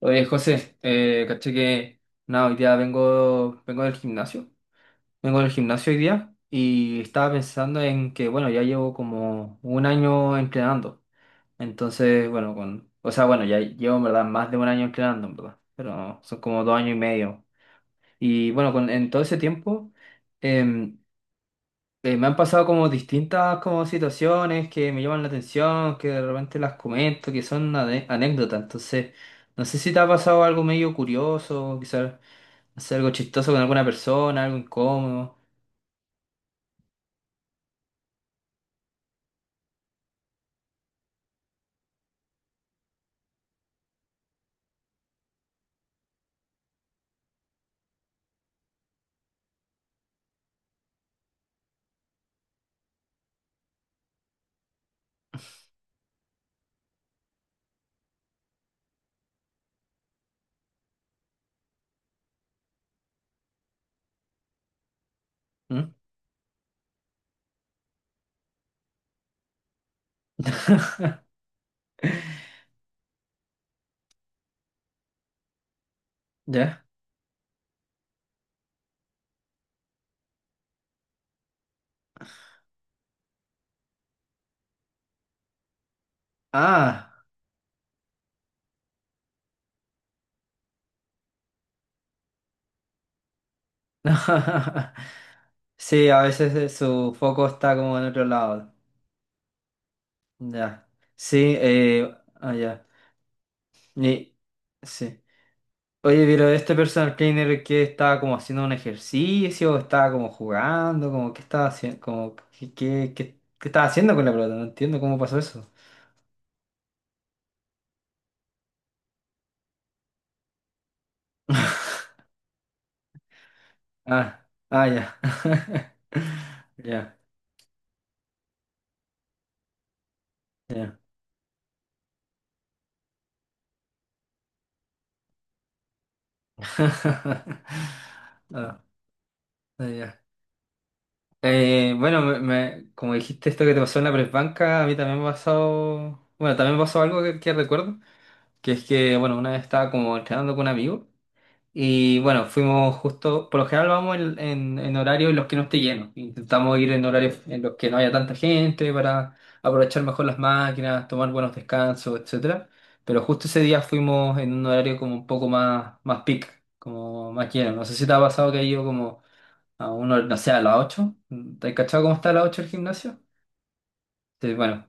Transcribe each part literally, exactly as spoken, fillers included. Oye, José, eh, caché que nada, hoy día vengo, vengo del gimnasio. Vengo del gimnasio hoy día y estaba pensando en que, bueno, ya llevo como un año entrenando. Entonces, bueno, con, o sea, bueno, ya llevo en verdad más de un año entrenando, en verdad, pero son como dos años y medio. Y bueno, con, en todo ese tiempo, em, eh, me han pasado como distintas como situaciones que me llaman la atención, que de repente las comento, que son ane- anécdotas. Entonces, no sé si te ha pasado algo medio curioso, quizás, no sé, algo chistoso con alguna persona, algo incómodo. ¿Mm? ¿Ya? Ah. Sí, a veces eh, su foco está como en otro lado. Ya. Sí, eh, ah, ya. Y- sí. Oye, pero este personal trainer que estaba como haciendo un ejercicio, estaba como jugando, como qué estaba haciendo, como qué, qué, qué- qué estaba haciendo con la pelota, no entiendo cómo pasó eso. Ah, ah, ya. Ya, ya. Ah, ah, ya. Eh, bueno, me, me- como dijiste, esto que te pasó en la press, a mí también me pasó. Bueno, también me pasó algo que, que recuerdo, que es que, bueno, una vez estaba como entrenando con un amigo. Y bueno, fuimos justo, por lo general vamos en, en, en horarios en los que no esté lleno. Intentamos ir en horarios en los que no haya tanta gente para aprovechar mejor las máquinas, tomar buenos descansos, etcétera. Pero justo ese día fuimos en un horario como un poco más, más peak, como más lleno. No sé si te ha pasado que ha ido como a uno, no sé, a las ocho. ¿Te has cachado cómo está a las ocho el gimnasio? Sí, bueno.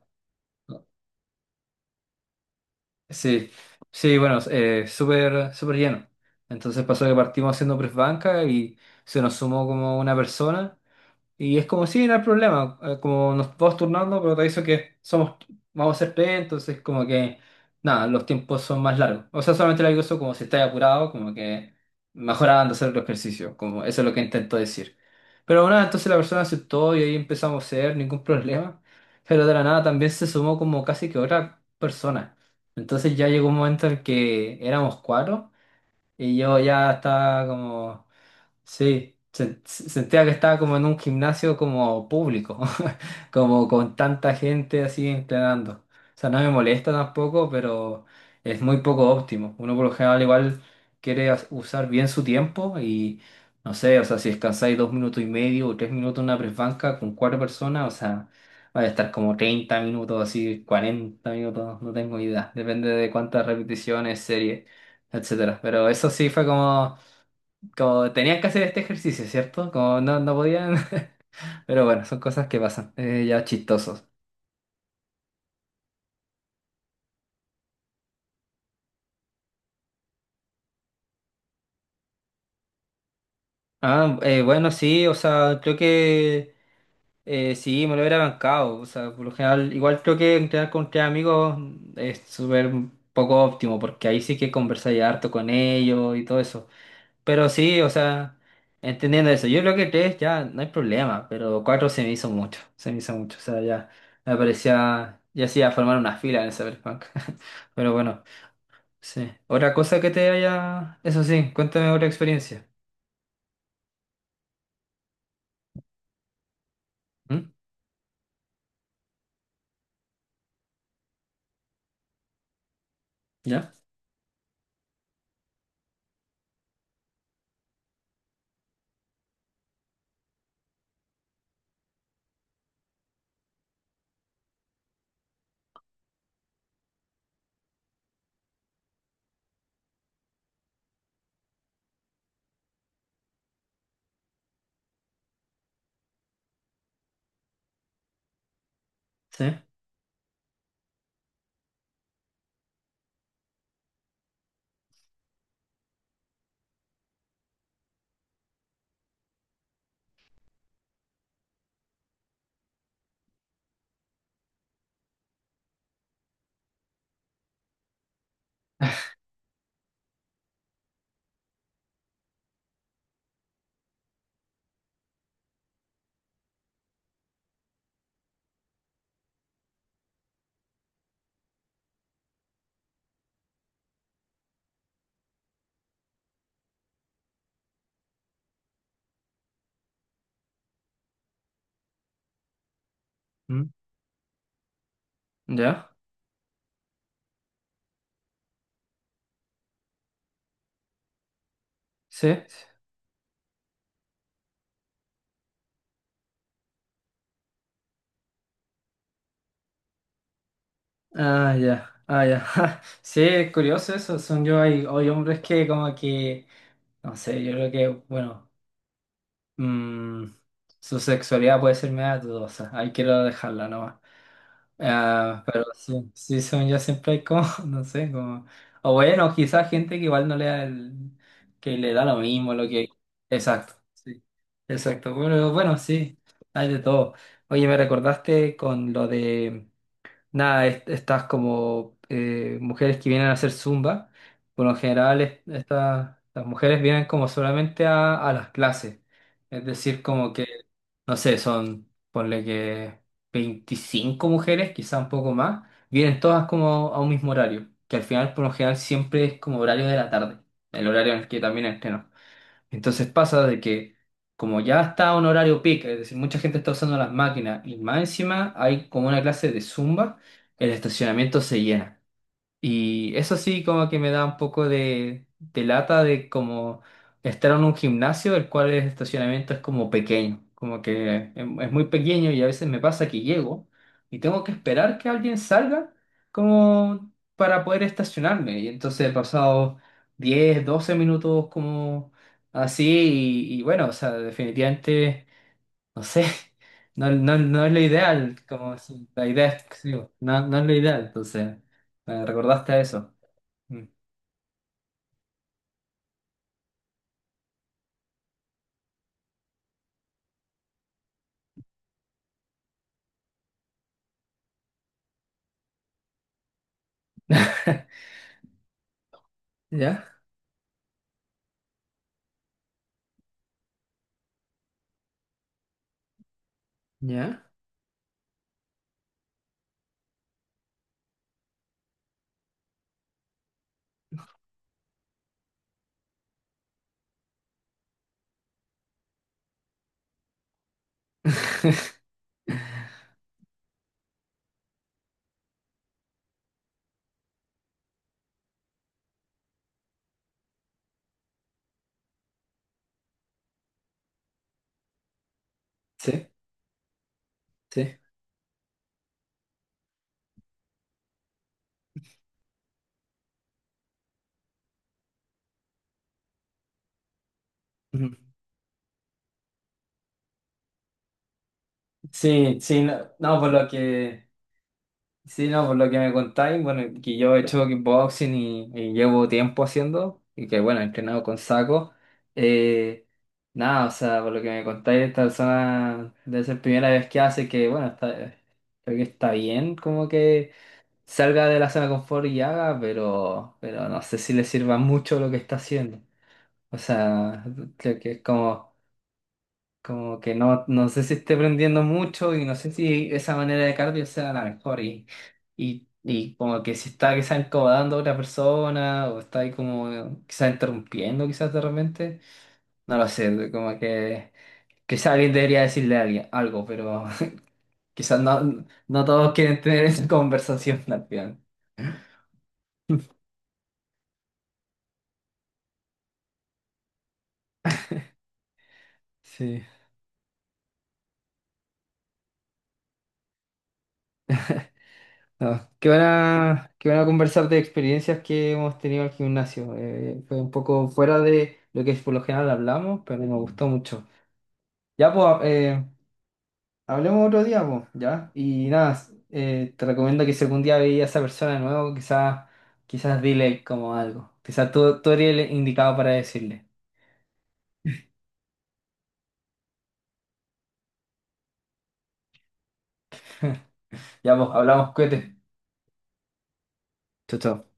Sí, sí, bueno, eh, súper, súper lleno. Entonces pasó que partimos haciendo press banca y se nos sumó como una persona, y es como, si no hay problema, eh, como nos vamos turnando, pero te aviso que somos, vamos a ser P, E, entonces como que, nada, los tiempos son más largos. O sea, solamente le digo eso, como si estáis apurado, como que mejorando hacer el ejercicio, como eso es lo que intento decir. Pero bueno, entonces la persona aceptó y ahí empezamos a ser, ningún problema. Pero de la nada también se sumó como casi que otra persona. Entonces ya llegó un momento en que éramos cuatro y yo ya estaba como. Sí, sen- se- sentía que estaba como en un gimnasio como público, como con tanta gente así entrenando. O sea, no me molesta tampoco, pero es muy poco óptimo. Uno por lo general igual quiere as- usar bien su tiempo y no sé, o sea, si descansáis dos minutos y medio o tres minutos en una press banca con cuatro personas, o sea, va a estar como treinta minutos, así cuarenta minutos, no tengo idea. Depende de cuántas repeticiones, series, etcétera. Pero eso sí fue como como tenían que hacer este ejercicio, ¿cierto? Como no, no podían. Pero bueno, son cosas que pasan. eh, ya chistosos. Ah, eh, bueno, sí, o sea, creo que eh, sí, me lo hubiera bancado. O sea, por lo general, igual creo que entrenar con tres amigos es súper poco óptimo, porque ahí sí que conversáis harto con ellos y todo eso. Pero sí, o sea, entendiendo eso, yo creo que tres ya no hay problema, pero cuatro se me hizo mucho. Se me hizo mucho. O sea, ya me parecía, ya sí, a formar una fila en el Cyberpunk. Pero bueno. Sí. Otra cosa que te haya. Eso sí, cuéntame otra experiencia. ¿Mm? ¿Ya? Sí. ¿Mm? ¿Ya? Sí. Ah, ya. Ah, ya. Ja. Sí, es curioso eso. Son yo, hay, hay hombres que como que. No sé, yo creo que, bueno. mm, su sexualidad puede ser media dudosa. Hay que dejarla nomás. Ah, pero sí, sí, según yo siempre hay como, no sé, como, o bueno, quizás gente que igual no le da el, que le da lo mismo, lo que, exacto, sí, exacto, bueno bueno, sí, hay de todo. Oye, me recordaste con lo de nada, est- estas como eh, mujeres que vienen a hacer zumba. Por lo general es- estas, las mujeres vienen como solamente a, a las clases, es decir, como que, no sé, son, ponle que veinticinco mujeres, quizá un poco más, vienen todas como a un mismo horario, que al final por lo general siempre es como horario de la tarde, el horario en el que también entreno. Entonces pasa de que como ya está un horario peak, es decir, mucha gente está usando las máquinas y más encima hay como una clase de zumba, el estacionamiento se llena. Y eso sí, como que me da un poco de, de, lata de como estar en un gimnasio, el cual el estacionamiento es como pequeño, como que es, es muy pequeño, y a veces me pasa que llego y tengo que esperar que alguien salga como para poder estacionarme. Y entonces he pasado diez doce minutos como así, y, y bueno, o sea, definitivamente no sé, no, no, no es lo ideal, como si- la idea es, qué sé no, no es lo ideal, entonces, me recordaste a eso. Mm. ¿Ya? ¿Ya? Sí, sí. Ujú. Sí, sí, no, no, por lo que. Sí, no, por lo que me contáis, bueno, que yo he hecho kickboxing y, y llevo tiempo haciendo, y que bueno, he entrenado con saco. eh, nada, o sea, por lo que me contáis, esta persona debe ser primera vez que hace, que, bueno, está, creo que está bien, como que salga de la zona de confort y haga, pero, pero no sé si le sirva mucho lo que está haciendo. O sea, creo que es como. Como que no, no sé si esté prendiendo mucho y no sé si esa manera de cardio sea la mejor. Y, y, y como que si está quizás incomodando a otra persona o está ahí como quizás interrumpiendo quizás de repente. No lo sé, como que quizás alguien debería decirle a alguien algo, pero quizás no, no todos quieren tener esa conversación al final. Sí. No, qué buena, qué buena conversar de experiencias que hemos tenido al gimnasio. Eh, fue un poco fuera de lo que por lo general hablamos, pero me gustó mucho. Ya, pues, eh, hablemos otro día, pues, ya. Y nada, eh, te recomiendo que si algún día veías a esa persona de nuevo, quizás, quizás dile como algo. Quizás tú, tú eres el indicado para decirle. Ya, pues, hablamos, cuídate. Chao, chao.